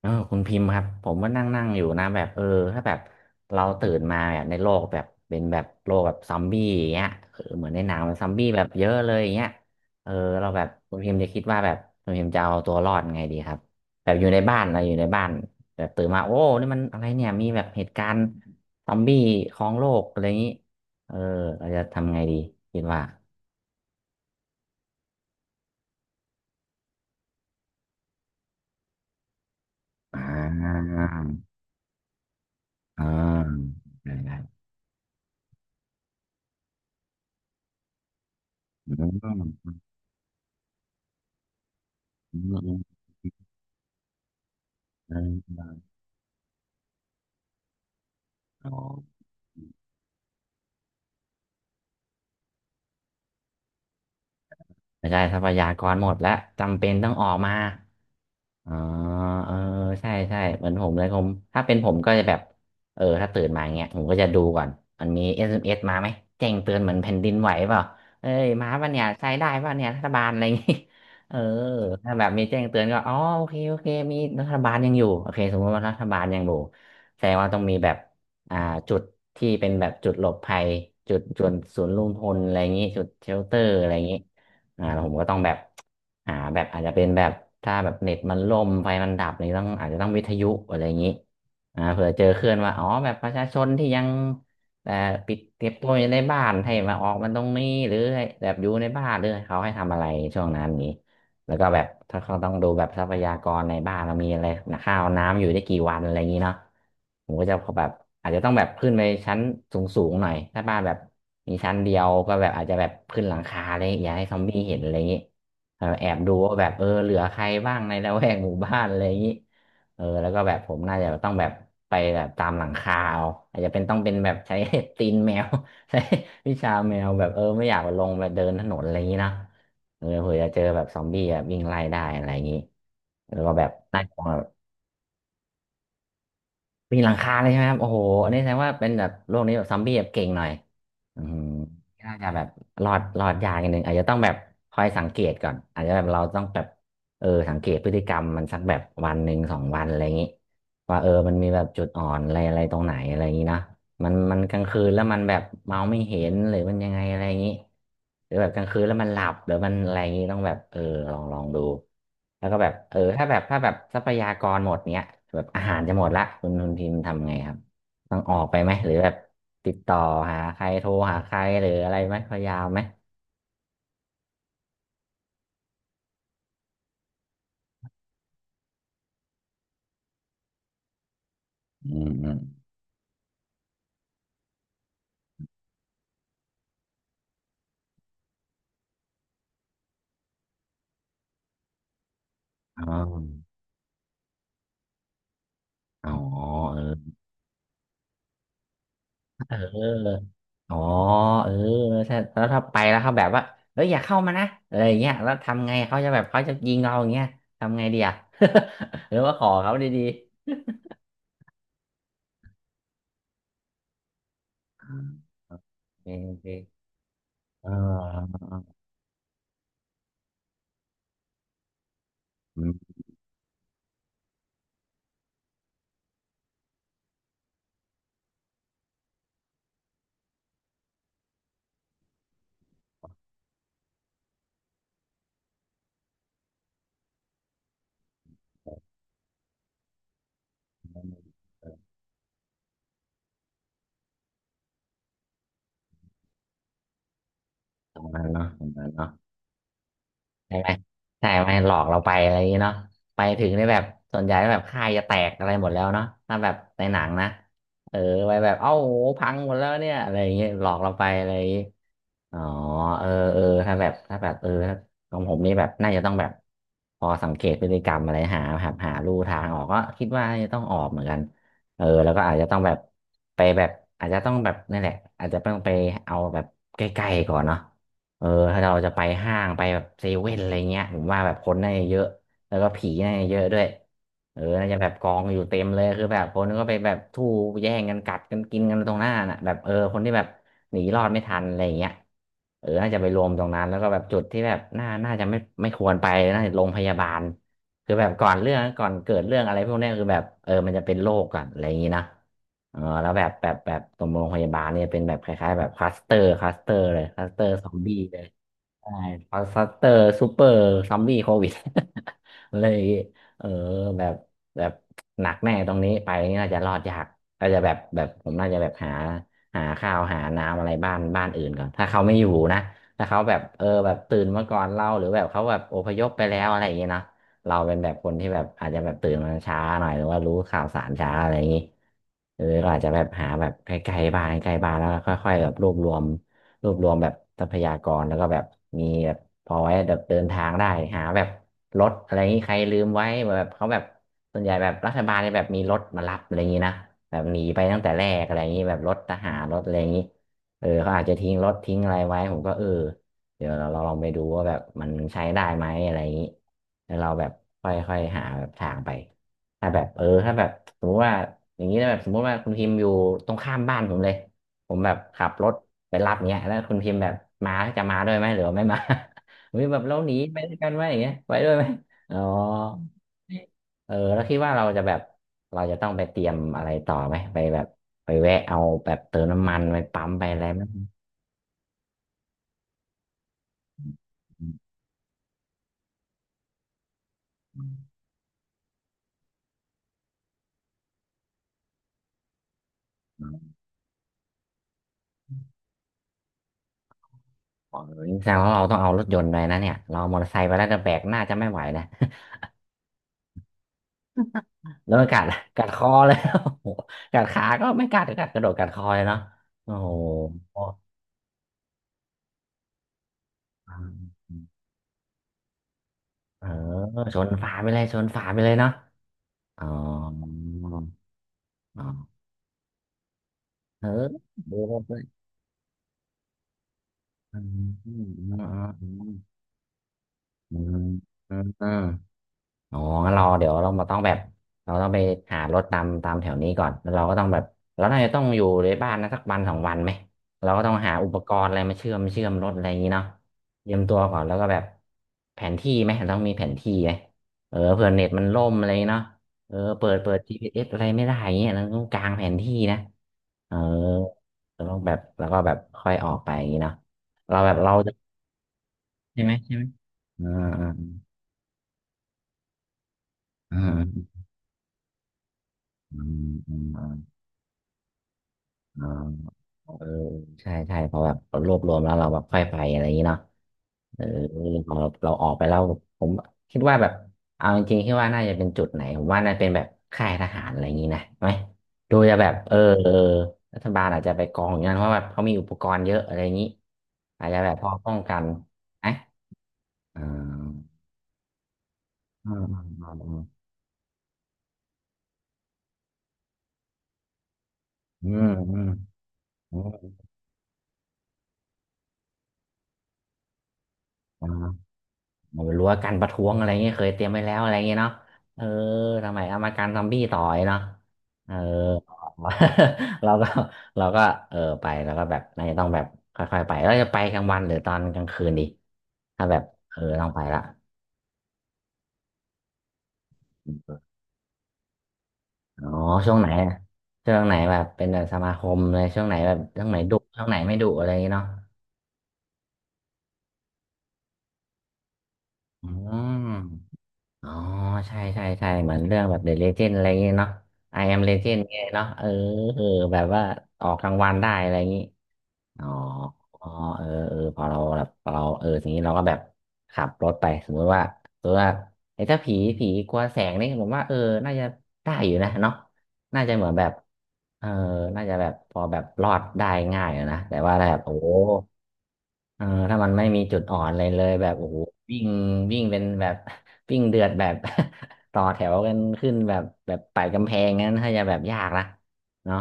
คุณพิมพ์ครับผมก็นั่งนั่งอยู่นะแบบถ้าแบบเราตื่นมาแบบในโลกแบบเป็นแบบโลกแบบซอมบี้อย่างเงี้ยเหมือนในหนังมันซอมบี้แบบเยอะเลยอย่างเงี้ยเออเราแบบคุณพิมพ์จะคิดว่าแบบคุณพิมพ์จะเอาตัวรอดไงดีครับแบบอยู่ในบ้านเราอยู่ในบ้านแบบตื่นมาโอ้นี่มันอะไรเนี่ยมีแบบเหตุการณ์ซอมบี้ครองโลกอะไรอย่างงี้เออเราจะทำไงดีคิดว่าอ่าอ่าได้ได้อืมอืมอืมอ๋อ ไม่ใช่ทรัพยากรหมดแล้วจำเป็นต้องออกมาอ๋อเออใช่ใช่เหมือนผมเลยผมถ้าเป็นผมก็จะแบบถ้าตื่นมาอย่างเงี้ยผมก็จะดูก่อนมันมี SMS มเอสมาไหมแจ้งเตือนเหมือนแผ่นดินไหวเปล่าเอ้ยมาป่ะเนี่ยใช้ได้ป่ะเนี่ยรัฐบาลอะไรอย่างงี้ เออถ้าแบบมีแจ้งเตือนก็อ๋อโอเคโอเคมีรัฐบาลยังอยู่โอเคสมมติว่ารัฐบาลยังอยู่แสดงว่าต้องมีแบบอ่าจุดที่เป็นแบบจุดหลบภัยจุดศูนย์รวมพลอะไรอย่างงี้จุดเชลเตอร์อะไรอย่างงี้ แล้วผมก็ต้องแบบหาแบบอาจจะเป็นแบบถ้าแบบเน็ตมันล่มไฟมันดับนี่ต้องอาจจะต้องวิทยุอะไรอย่างนี้เผื่อเจอเคลื่อนว่าอ๋อแบบประชาชนที่ยังแต่อปิดเก็บตัวอยู่ในบ้านให้มาออกมันตรงนี้หรือแบบอยู่ในบ้านหรือเขาให้ทำอะไรช่วงนั้นนี้ แล้วก็แบบถ้าเขาต้องดูแบบทรัพยากรในบ้านเรามีอะไรนะข้าวน้ำอยู่ได้กี่วันอะไรอย่างนี้เนาะผมก็จะแบบอาจจะต้องแบบขึ้นไปชั้นสูงสูงหน่อยถ้าบ้านแบบมีชั้นเดียวก็แบบอาจจะแบบขึ้นหลังคาอะไรอย่างเงี้ยอย่าให้ซอมบี้เห็นอะไรอย่างนี้แอบดูว่าแบบเหลือใครบ้างในละแวกหมู่บ้านอะไรอย่างนี้แล้วก็แบบผมน่าจะต้องแบบไปแบบตามหลังคาเอาอาจจะเป็นต้องเป็นแบบใช้ ตีนแมว ใช้วิชาแมวแบบไม่อยากลงแบบเดินถนนอะไรอย่างนี้เนาะ เผื่อจะเจอแบบซอมบี้แบบวิ่งไล่ได้อะไรอย่างนี้แล้วก็แบบไล่ตรงแบบปีนหลังคาเลยใช่ไหมครับโอ้โหอันนี้แสดงว่าเป็นแบบโลกนี้แบบซอมบี้แบบเก่งหน่อยอืมน่าจะแบบรอดรอดยากนิดนึงอาจจะต้องแบบคอยสังเกตก่อนอาจจะแบบเราต้องแบบสังเกตพฤติกรรมมันสักแบบวันหนึ่งสองวันอะไรอย่างนี้ว่ามันมีแบบจุดอ่อนอะไรอะไรตรงไหนอะไรอย่างนี้เนอะ มันมันกลางคืนแล้วมันแบบเมาไม่เห็นหรือมันยังไงอะไรอย่างนี้หรือแบบกลางคืนแล้วมันหลับหรือมันอะไรอย่างนี้ต้องแบบลองลองดูแล้วก็แบบถ้าแบบถ้าแบบทรัพยากรหมดเนี้ยแบบอาหารจะหมดละคุณพิมพ์ทำไงครับต้องออกไปไหมหรือแบบติดต่อหาใครโทรหาใครหรืออะไรไหมพยายามไหมอืมอืมอ๋ออ๋อเออ เอออ๋อเออถ้าแล้วถ้าไปแล้วเขาแบบว่าเอ้ยอย่าเข้ามานะอะไรอย่างเงี้ยแล้วทำไงเขาจะแบบเขาจะยิงเราอย่างเงี้ยทำไงดีอ่ะ หรือว่าขอเขาดีๆ โอเคโอเคเอออืมตรงนั้นเนาะตรงนั้นเนาะใช่ไหมใช่ไหมหลอกเราไปอะไรอย่างเงี้ยเนาะไปถึงได้แบบส่วนใหญ่แบบค่ายจะแตกอะไรหมดแล้วเนาะถ้าแบบในหนังนะเออไปแบบเอ้าโหพังหมดแล้วเนี่ยอะไรอย่างเงี้ยหลอกเราไปอะไรอย่างเงี้ย อ๋อถ้าแบบถ้าแบบถ้าของผมนี่แบบน่าจะต้องแบบพอสังเกตพฤติกรรมอะไรหาลู่ทางออกก็คิดว่าน่าจะต้องออกเหมือนกันแล้วก็อาจจะต้องแบบไปแบบอาจจะต้องแบบนี่นแหละอาจจะต้องไปเอาแบบใกล้ๆก่อนเนาะเออถ้าเราจะไปห้างไปแบบเซเว่นอะไรเงี้ยผมว่าแบบคนน่าจะเยอะ แล้วก็ผีเน่าเยอะด้วยเออน่าจะแบบกองอยู่เต็มเลยคือแบบคนก็ไปแบบทู่แย่งกันกัดกันกินกันตรงหน้าน่ะแบบคนที่แบบหนีรอดไม่ทันอะไรอย่างเงี้ยน่าจะไปรวมตรงนั้นแล้วก็แบบจุดที่แบบน่าจะไม่ควรไปน่าจะโรงพยาบาลคือแบบก่อนเกิดเรื่องอะไรพวกเนี้ยคือแบบมันจะเป็นโรคก่อนอะไรอย่างงี้นะแล้วแบบตรงโรงพยาบาลเนี่ยเป็นแบบคล้ายๆแบบคลัสเตอร์เลยคลัสเตอร์ซอมบี้ ใช่ฟัสเตอร์ ซูเปอร์ซัมบี้โควิด เลยเออแบบแบบหนักแน่ตรงนี้ไปนี่น่าจะรอดยากน่าจะแบบผมน่าจะแบบหาข้าวหาน้ำอะไรบ้านอื่นก่อนถ้าเขาไม่อยู่นะถ้าเขาแบบแบบตื่นมาก่อนเราหรือแบบเขาแบบอพยพไปแล้วอะไรอย่างเงี้ยเนาะเราเป็นแบบคนที่แบบอาจจะแบบตื่นมาช้าหน่อยหรือว่ารู้ข่าวสารช้าอะไรอย่างงี้หรืออก็อาจจะแบบหาแบบใกล้ๆบ้านใกล้ๆบ้านแล้วก็ค่อยๆแบบรวบรวม แบบทรัพยากรแล้วก็แบบมีแบบพอไว้แบบเดินทางได้หาแบบรถอะไรนี้ใครลืมไว้แบบเขาแบบส่วนใหญ่แบบรัฐบาลเนี่ยแบบมีรถมารับอะไรอย่างนี้นะแบบหนีไปตั้งแต่แรกอะไรอย่างนี้แบบรถทหารรถอะไรอย่างนี้เขาอาจจะทิ้งรถทิ้งอะไรไว้ผมก็เดี๋ยวเราลองไปดูว่าแบบมันใช้ได้ไหมอะไรอย่างนี้แล้วเราแบบค่อยค่อยหาแบบทางไปถ้าแบบถ้าแบบสมมติว่าอย่างนี้นะแบบสมมติว่าคุณพิมพ์อยู่ตรงข้ามบ้านผมเลยผมแบบขับรถ ไปรับเนี้ยแล้วคุณพิมพ์แบบมาจะมาด้วยไหมหรือว่าไม่มา วิแบบเราหนีไปด้วยกันไหมอย่างเงี้ยไปด้วยไหมอ๋อแล้วคิดว่าเราจะแบบเราจะต้องไปเตรียมอะไรต่อไหมไปแบบไปแวะเอาแบบเติมน้ำมันไปปั๊มไปอะไรไหมอ๋อนี่แสดงว่าเราต้องเอารถยนต์ไปนะเนี่ยเราเอามอเตอร์ไซค์ไปแล้วจะแบกน่าจะไม่ไหวนะ แล้วมันกัดคอเลย โอ้โหกัดขาก็ไม่กัดกระโดดกัดคอเลยเนาะโอ้โห เออชนฝาไปเลยชนฝาไปเลยเนาะอ๋ออ๋อเออดูเลยอืมอืมอืมอืมอืม อ๋องั้นเราเดี๋ยวเรามาต้องแบบเราต้องไปหารถตามแถวนี้ก่อนแล้วเราก็ต้องแบบเราน่าจะต้องอยู่ในบ้านนะสักวันสองวันไหมเราก็ต้องหาอุปกรณ์อะไรมาเชื่อมรถอะไรอย่างนี้เนาะเตรียมตัวก่อนแล้วก็แบบแผนที่ไหมต้องมีแผนที่ไหมเผื่อเน็ตมันล่มอะไรเนาะเปิด GPS อสอะไรไม่ได้อย่างเงี้ยเราต้องกางแผนที่นะเออเราต้องแบบแล้วก็แบบค่อยออกไปอย่างนี้เนาะเราแบบเราจะใช่ไหมอ่าอ่าอ่าอ่าอ่าอ่า เออใช่พอแบบเรารวบรวมแล้วเราแบบค่อยไปอะไรอย่างนี้เนาะเออพอเราออกไปแล้วผมคิดว่าแบบเอาจริงๆคิดว่าน่าจะเป็นจุดไหนผมว่าน่าเป็นแบบค่ายทหารอะไรอย่างนี้นะไหมดูจะแบบเออรัฐบาลอาจจะไปกองอย่างนั้นเพราะแบบเขามีอุปกรณ์เยอะอะไรอย่างนี้อาจจะแบบพอป้องกันนะอ่าอืมอืมอืมอืมอืม รั้วกันประท้วงอะไรเงี้ยเคยเตรียมไว้แล้วอะไรเงี้ยเนาะเออทำไมเอามาการซอมบี้ต่อยเนาะเออ เราก็เราก็ไปแล้วก็แบบน่าจะต้องแบบค่อยๆไปแล้วจะไปกลางวันหรือตอนกลางคืนดีถ้าแบบต้องไปละอ๋อช่วงไหนอะช่วงไหนแบบเป็นแบบสมาคมเลยช่วงไหนดุช่วงไหนไม่ดุอะไรเงี้ยเนาะอืม อ๋อใช่เหมือนเรื่องแบบ The Legend อะไรอย่างเงี้ยเนาะ I am Legend ไงยเนาะเออแบบว่าออกรางวัลได้อะไรอย่างงี้อ๋ออ๋อพอเราแบบพอเราเออทีนี้เราก็แบบขับรถไปสมมติว่าไอ้ถ้าผีกลัวแสงนี่ผมว่าน่าจะได้อยู่นะเนาะ น่าจะเหมือนแบบเออน่าจะแบบพอแบบรอดได้ง่ายอะนะ แต่ว่าแบบโอ้โหเออถ้ามันไม่มีจุดอ่อนเลยแบบโอ้โหวิ่งวิ่งเป็นแบบ วิ่งเดือดแบบ ต่อแถวกันขึ้นแบบไต่กำแพงงั้นถ้าจะแบบยากนะเนาะ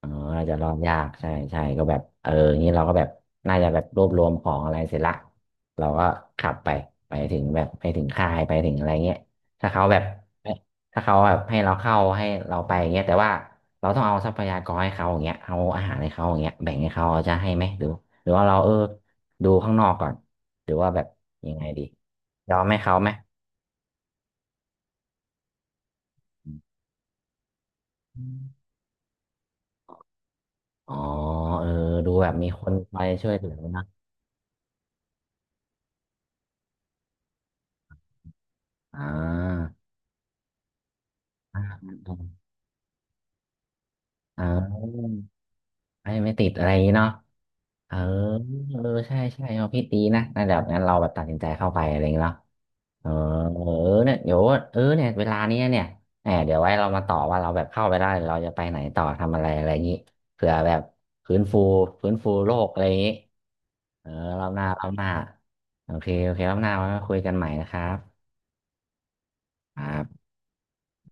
อ๋ออาจจะรอดยากใช่ก็แบบงี้เราก็แบบน่าจะแบบรวบรวมของอะไรเสร็จละเราก็ขับไปไปถึงแบบไปถึงค่ายไปถึงอะไรเงี้ยถ้าเขาแบบให้ถ้าเขาแบบให้เราเข้าให้เราไปเงี้ยแต่ว่าเราต้องเอาทรัพยากรให้เขาอย่างเงี้ยเอาอาหารให้เขาอย่างเงี้ยแบ่งให้เขาเขาจะให้ไหมหรือหรือว่าเราดูข้างนอกก่อนหรือว่าแบบยังไงดียอมให้เขาไหมอืมอ๋อเออดูแบบมีคนคอยช่วยเหลือนะอ่า เออไม่ติดอะไรอย่างงี้เนาะเออเออใช่เอาพี่ตีนะนั่นแบบงั้นเราแบบตัดสินใจเข้าไปอะไรอย่างงี้เนาะเออเออเนี่ยเดี๋ยวเนี่ยเวลานี้เนี่ยแหมเดี๋ยวไว้เรามาต่อว่าเราแบบเข้าไปได้เราจะไปไหนต่อทำอะไรอะไรอย่างงี้เผื่อแบบฟื้นฟูโลกอะไรอย่างงี้เออรอบหน้าโอเครอบหน้าไว้มาคุยกันใหม่นะครับครับ